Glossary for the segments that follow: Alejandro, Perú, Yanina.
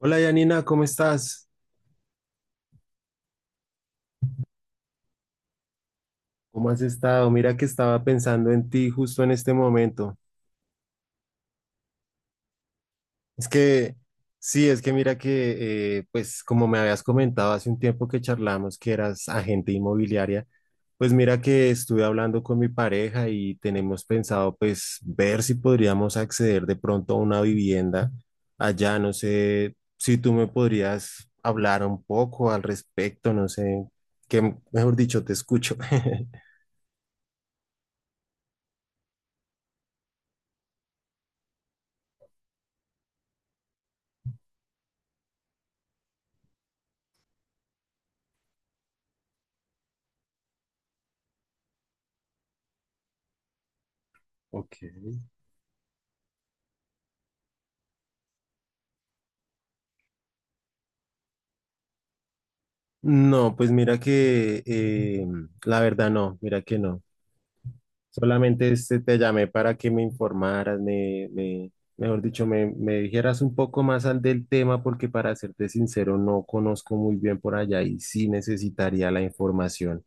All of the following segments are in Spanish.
Hola Yanina, ¿cómo estás? ¿Cómo has estado? Mira que estaba pensando en ti justo en este momento. Es que, sí, es que mira que, pues como me habías comentado hace un tiempo que charlamos que eras agente inmobiliaria, pues mira que estuve hablando con mi pareja y tenemos pensado pues ver si podríamos acceder de pronto a una vivienda allá. No sé si tú me podrías hablar un poco al respecto, no sé, que mejor dicho, te escucho. Ok. No, pues mira que la verdad no, mira que no. Solamente este, te llamé para que me informaras, mejor dicho, me dijeras un poco más al del tema, porque para serte sincero, no conozco muy bien por allá y sí necesitaría la información.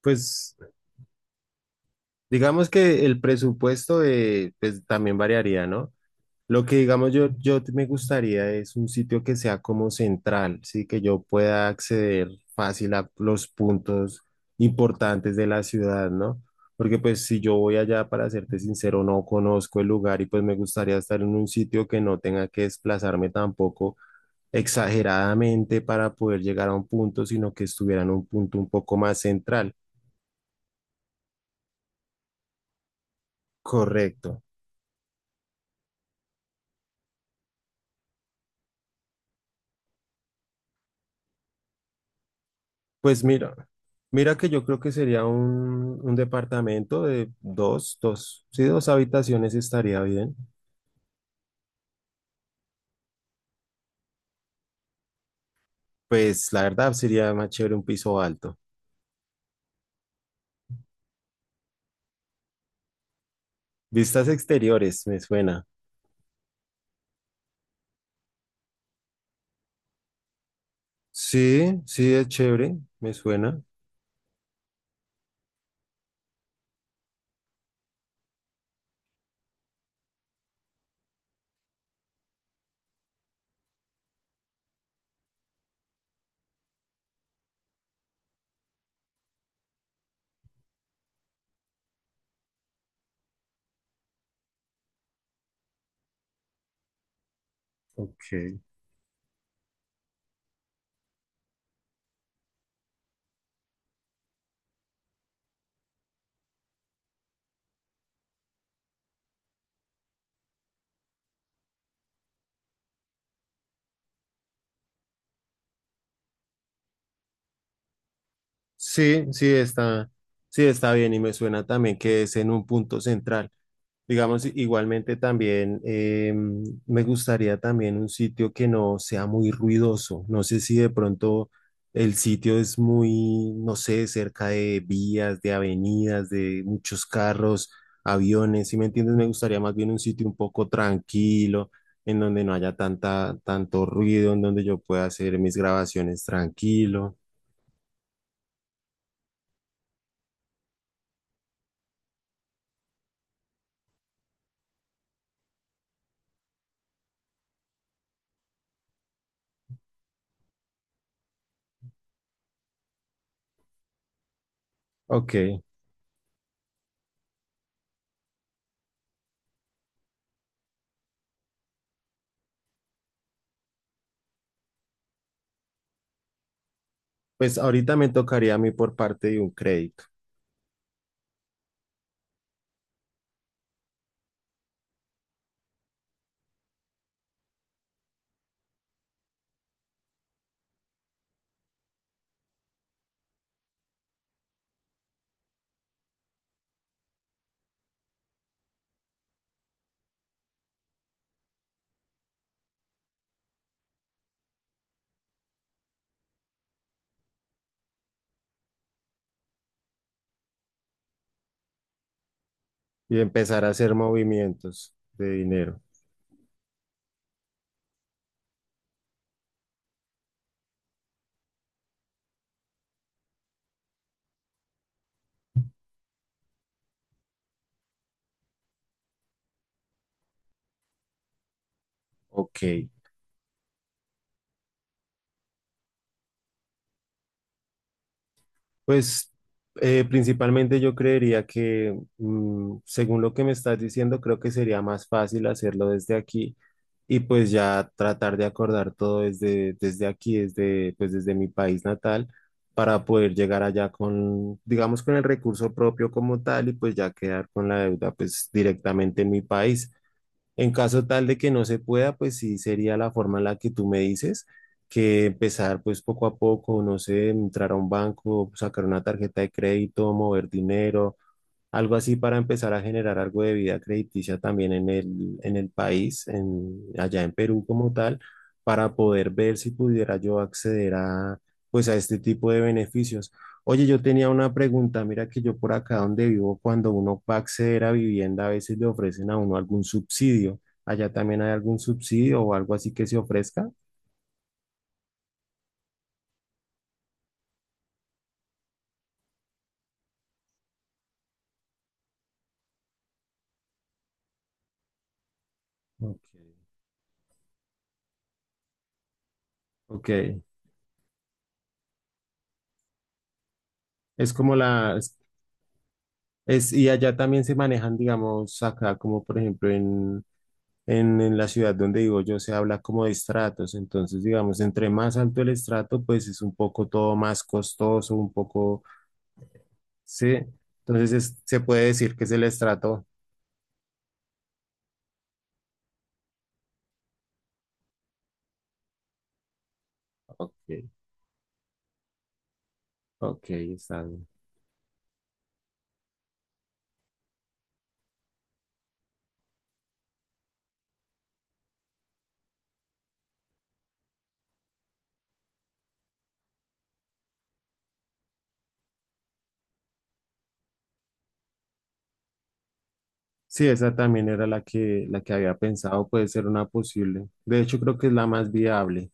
Pues digamos que el presupuesto de, pues, también variaría, ¿no? Lo que digamos yo, me gustaría es un sitio que sea como central, sí, que yo pueda acceder fácil a los puntos importantes de la ciudad, ¿no? Porque pues si yo voy allá, para serte sincero, no conozco el lugar y pues me gustaría estar en un sitio que no tenga que desplazarme tampoco exageradamente para poder llegar a un punto, sino que estuviera en un punto un poco más central. Correcto. Pues mira, mira que yo creo que sería un departamento de dos, sí, dos habitaciones estaría bien. Pues la verdad sería más chévere un piso alto. Vistas exteriores, me suena. Sí, sí, es chévere, me suena. Ok. Sí, sí está bien y me suena también que es en un punto central. Digamos, igualmente también me gustaría también un sitio que no sea muy ruidoso. No sé si de pronto el sitio es muy, no sé, cerca de vías, de avenidas, de muchos carros, aviones, ¿si me entiendes? Me gustaría más bien un sitio un poco tranquilo, en donde no haya tanto ruido, en donde yo pueda hacer mis grabaciones tranquilo. Ok, pues ahorita me tocaría a mí por parte de un crédito y empezar a hacer movimientos de dinero. Ok, pues principalmente yo creería que, mm, según lo que me estás diciendo, creo que sería más fácil hacerlo desde aquí y pues ya tratar de acordar todo desde aquí, desde, pues desde mi país natal, para poder llegar allá con, digamos, con el recurso propio como tal y pues ya quedar con la deuda pues directamente en mi país. En caso tal de que no se pueda, pues sí sería la forma en la que tú me dices, que empezar pues poco a poco, no sé, entrar a un banco, sacar una tarjeta de crédito, mover dinero, algo así para empezar a generar algo de vida crediticia también en en el país, en, allá en Perú como tal, para poder ver si pudiera yo acceder a, pues a este tipo de beneficios. Oye, yo tenía una pregunta, mira que yo por acá donde vivo, cuando uno va a acceder a vivienda, a veces le ofrecen a uno algún subsidio. ¿Allá también hay algún subsidio o algo así que se ofrezca? Ok, ok. Es como la, es- y allá también se manejan, digamos, acá, como por ejemplo en la ciudad donde digo yo, se habla como de estratos, entonces, digamos, entre más alto el estrato, pues es un poco todo más costoso, un poco, sí. Entonces es- se puede decir que es el estrato. Ok, ok, está bien. Sí, esa también era la que había pensado, puede ser una posible. De hecho, creo que es la más viable.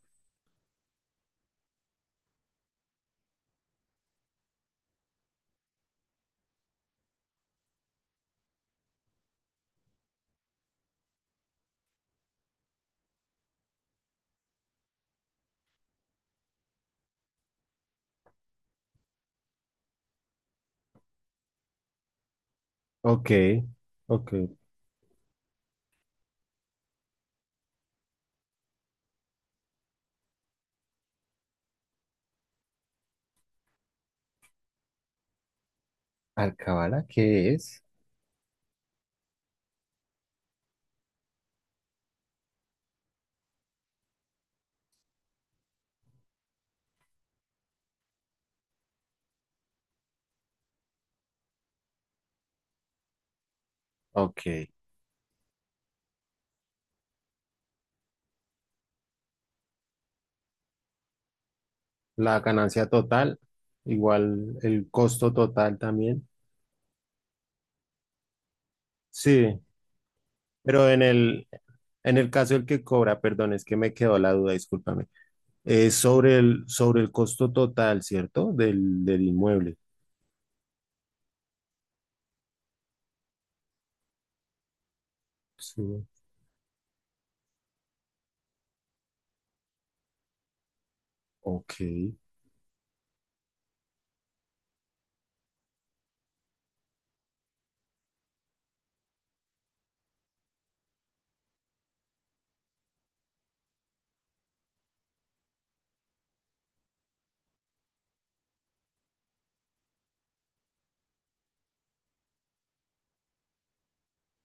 Ok, ok. ¿Alcabala qué es? Ok. La ganancia total, igual el costo total también. Sí, pero en en el caso del que cobra, perdón, es que me quedó la duda, discúlpame. Es sobre sobre el costo total, ¿cierto? Del inmueble. Sí. Ok.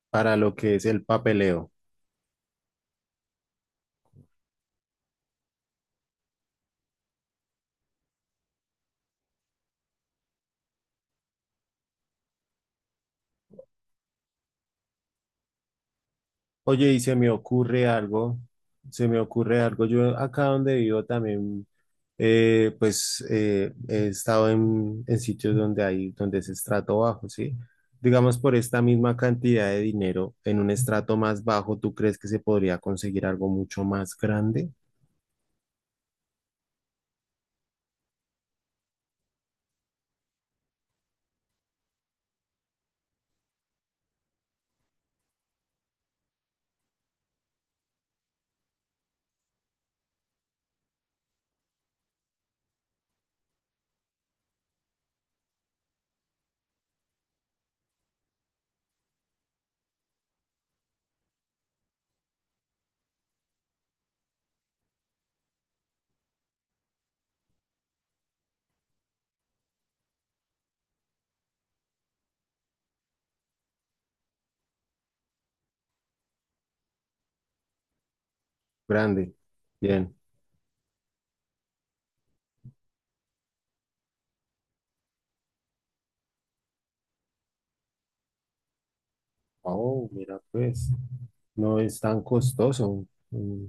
Para lo que es el papeleo. Oye, y se me ocurre algo, se me ocurre algo. Yo acá donde vivo también, pues, he estado en sitios donde hay, donde es estrato bajo, ¿sí? Digamos, por esta misma cantidad de dinero, en un estrato más bajo, ¿tú crees que se podría conseguir algo mucho más grande? Grande. Bien. Oh, mira, pues, no es tan costoso. Mm,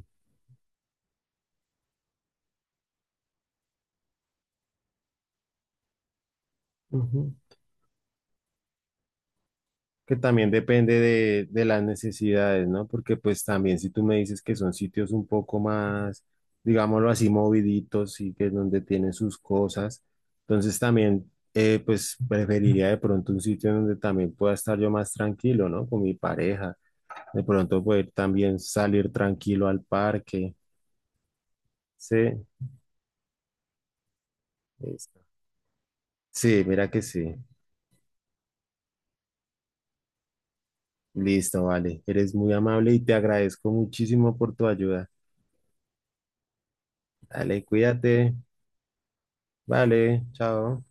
ujú. Que también depende de las necesidades, ¿no? Porque pues también si tú me dices que son sitios un poco más, digámoslo así, moviditos y que es donde tienen sus cosas, entonces también pues preferiría de pronto un sitio donde también pueda estar yo más tranquilo, ¿no? Con mi pareja, de pronto poder también salir tranquilo al parque, ¿sí? Listo. Sí, mira que sí. Listo, vale. Eres muy amable y te agradezco muchísimo por tu ayuda. Dale, cuídate. Vale, chao.